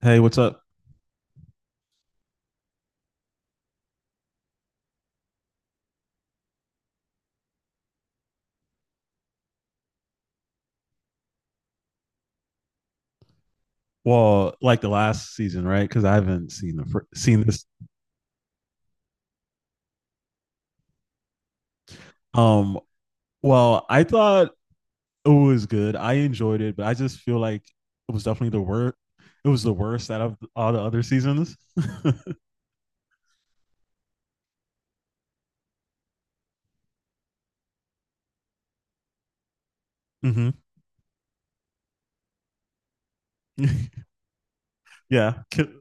Hey, what's up? Well, like the last season, right? Because I haven't seen the seen this. Um, well, I thought it was good. I enjoyed it, but I just feel like it was definitely the worst. It was the worst out of all the other seasons. Hmm. Yeah.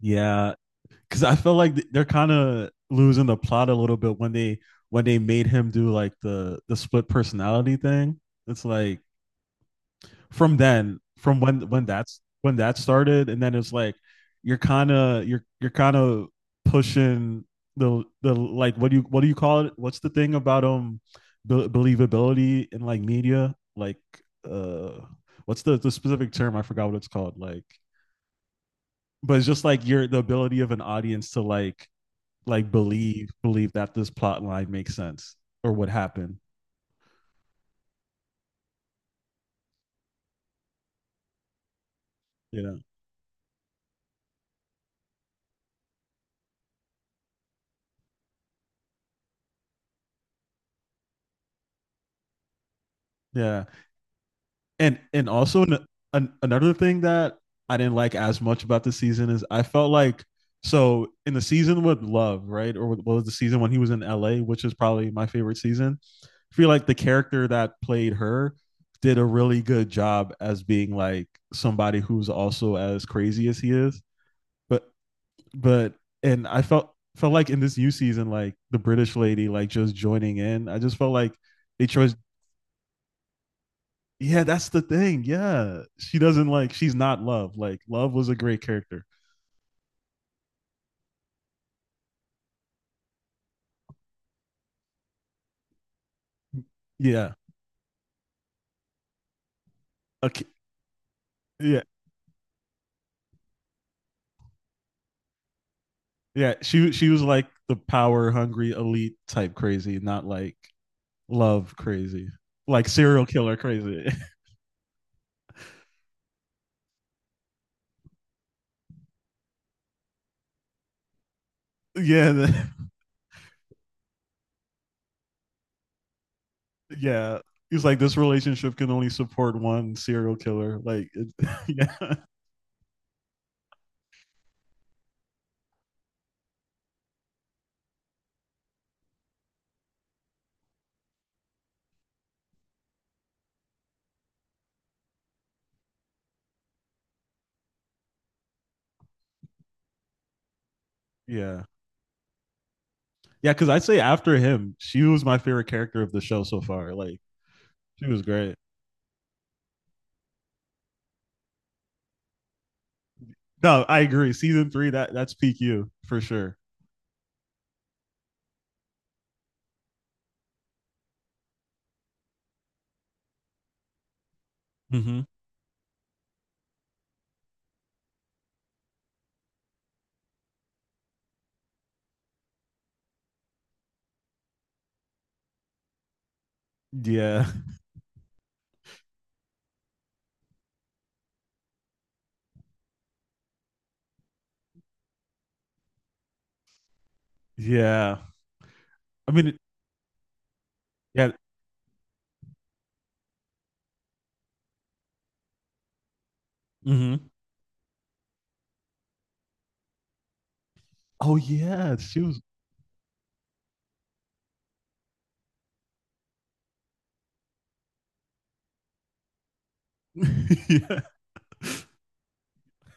Yeah. Because I feel like they're kind of losing the plot a little bit when they made him do like the split personality thing. It's like from then, from when that's when that started, and then it's like you're kind of pushing the like what do you call it? What's the thing about believability in like media? Like uh, what's the specific term? I forgot what it's called. Like, but it's just like your the ability of an audience to like believe that this plot line makes sense or what happened. You know, yeah, and also another thing that I didn't like as much about the season is I felt like so in the season with Love, right, or what was the season when he was in L.A., which is probably my favorite season. I feel like the character that played her did a really good job as being like somebody who's also as crazy as he is. But but and I felt like in this new season, like the British lady, like just joining in. I just felt like they chose. Yeah, that's the thing. Yeah, she doesn't like. She's not Love. Like Love was a great character. Yeah. Okay. Yeah. Yeah. She was like the power hungry elite type crazy, not like Love crazy, like serial killer crazy. Yeah. Yeah. He's like this relationship can only support one serial killer. Like, it, yeah. Yeah. Yeah, because I'd say after him, she was my favorite character of the show so far. Like she was great. No, I agree. Season three, that's peak You for sure. Mm-hmm. Yeah, yeah. I mean, yeah. Mm-hmm. Oh yeah, she was. Yeah.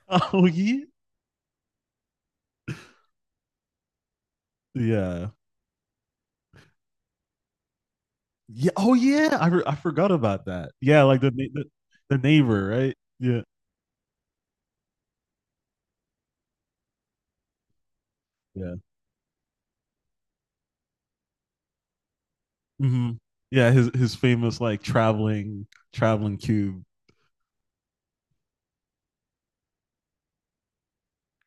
Oh yeah. Yeah. Yeah. Oh yeah. I forgot about that. Yeah, like the neighbor, right? Yeah. Yeah. Mm-hmm. Yeah. His famous like traveling cube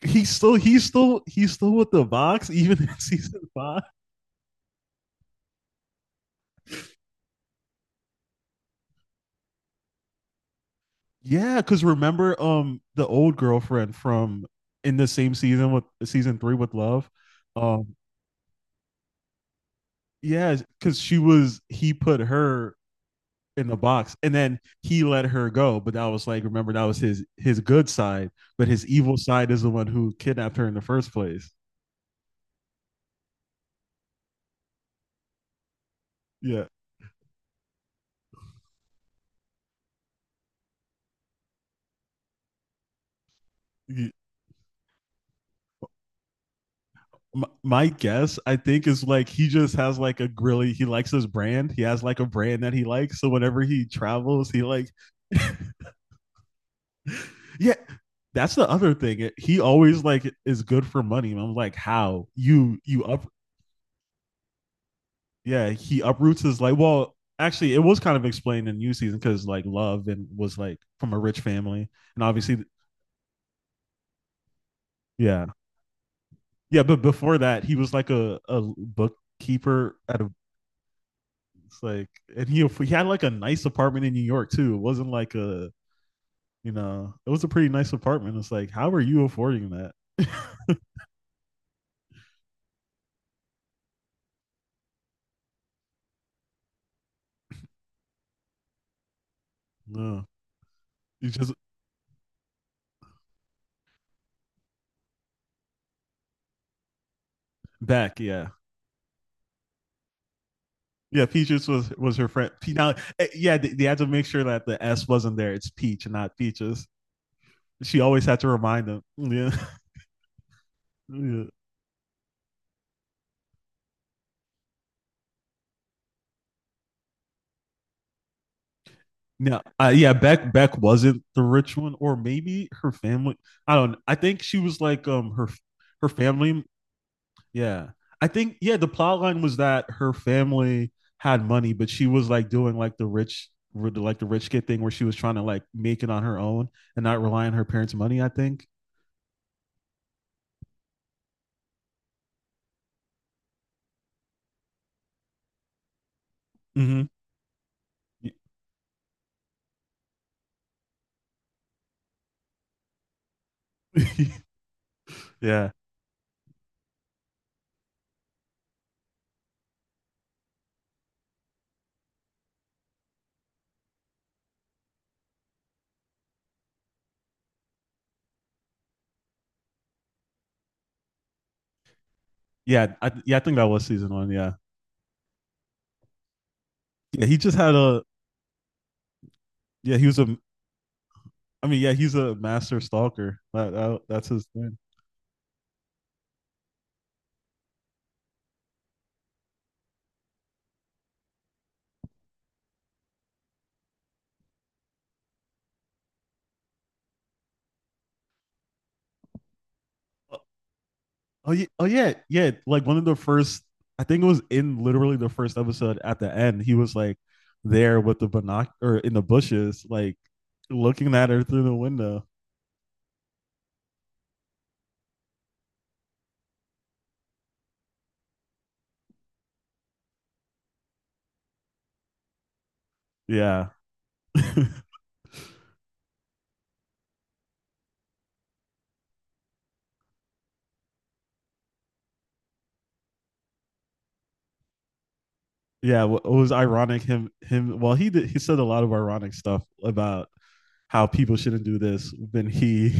he's still with the Vox even in season five. Yeah, because remember the old girlfriend from in the same season with season three with Love. Um yeah, because she was he put her in the box and then he let her go. But that was like remember that was his good side, but his evil side is the one who kidnapped her in the first place. Yeah. My guess, I think, is like he just has like a grilly. He likes his brand. He has like a brand that he likes, so whenever he travels he like yeah, that's the other thing. He always like is good for money, and I'm like, how you up yeah, he uproots his like, well, actually it was kind of explained in new season because like Love and was like from a rich family, and obviously yeah, yeah, but before that he was like a bookkeeper at a like, and he had like a nice apartment in New York too. It wasn't like a it was a pretty nice apartment. It's like, how are you affording that? No, you just back, yeah, yeah. Peaches was her friend. Now, yeah, they had to make sure that the S wasn't there. It's Peach, and not Peaches. She always had to remind them. Yeah, yeah. No, yeah, Beck wasn't the rich one, or maybe her family. I don't know. I think she was like her family. Yeah. I think yeah, the plot line was that her family had money, but she was like doing like the rich kid thing where she was trying to like make it on her own and not rely on her parents' money, I think. Mm-hmm. Yeah. Yeah. I Yeah, I think that was season one. Yeah. Yeah. He just had a, yeah, he was a, I mean, yeah, he's a master stalker. That, that's his thing. Oh yeah, oh yeah, yeah. Like one of the first, I think it was in literally the first episode. At the end, he was like there with the binoc or in the bushes, like looking at her through the window. Yeah, yeah. It was ironic. Him. Well, he did. He said a lot of ironic stuff about how people shouldn't do this. Then he,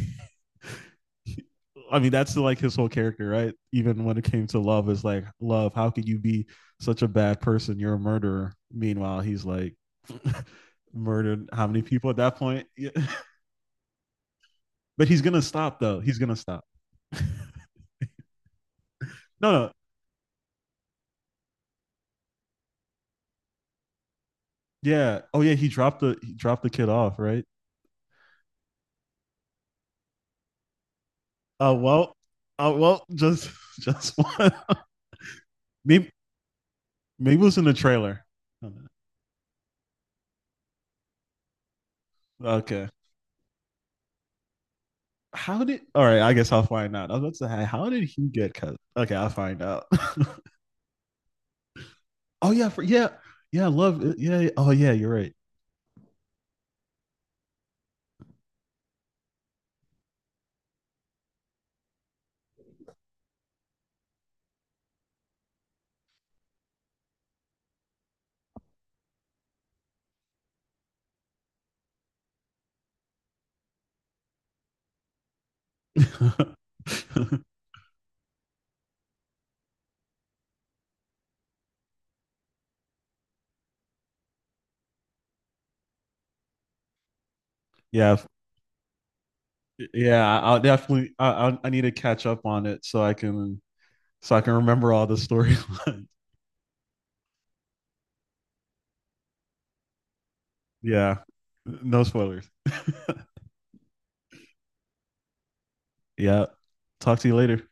I mean, that's like his whole character, right? Even when it came to Love, is like Love. How could you be such a bad person? You're a murderer. Meanwhile, he's like, murdered how many people at that point? Yeah. But he's gonna stop though. He's gonna stop. No, no. Yeah. Oh yeah, he dropped the kid off, right? Oh well. Oh well, just one. maybe maybe it was in the trailer. Oh, no. Okay. How did, all right, I guess I'll find out. I was about to say hey, how did he get cut? Okay, I'll find out. Oh yeah, for yeah, yeah, love it. Yeah, yeah. Oh yeah, you're right. Yeah, yeah, I'll definitely I need to catch up on it so I can remember all the storylines. Yeah. No spoilers. Yeah. Talk to you later.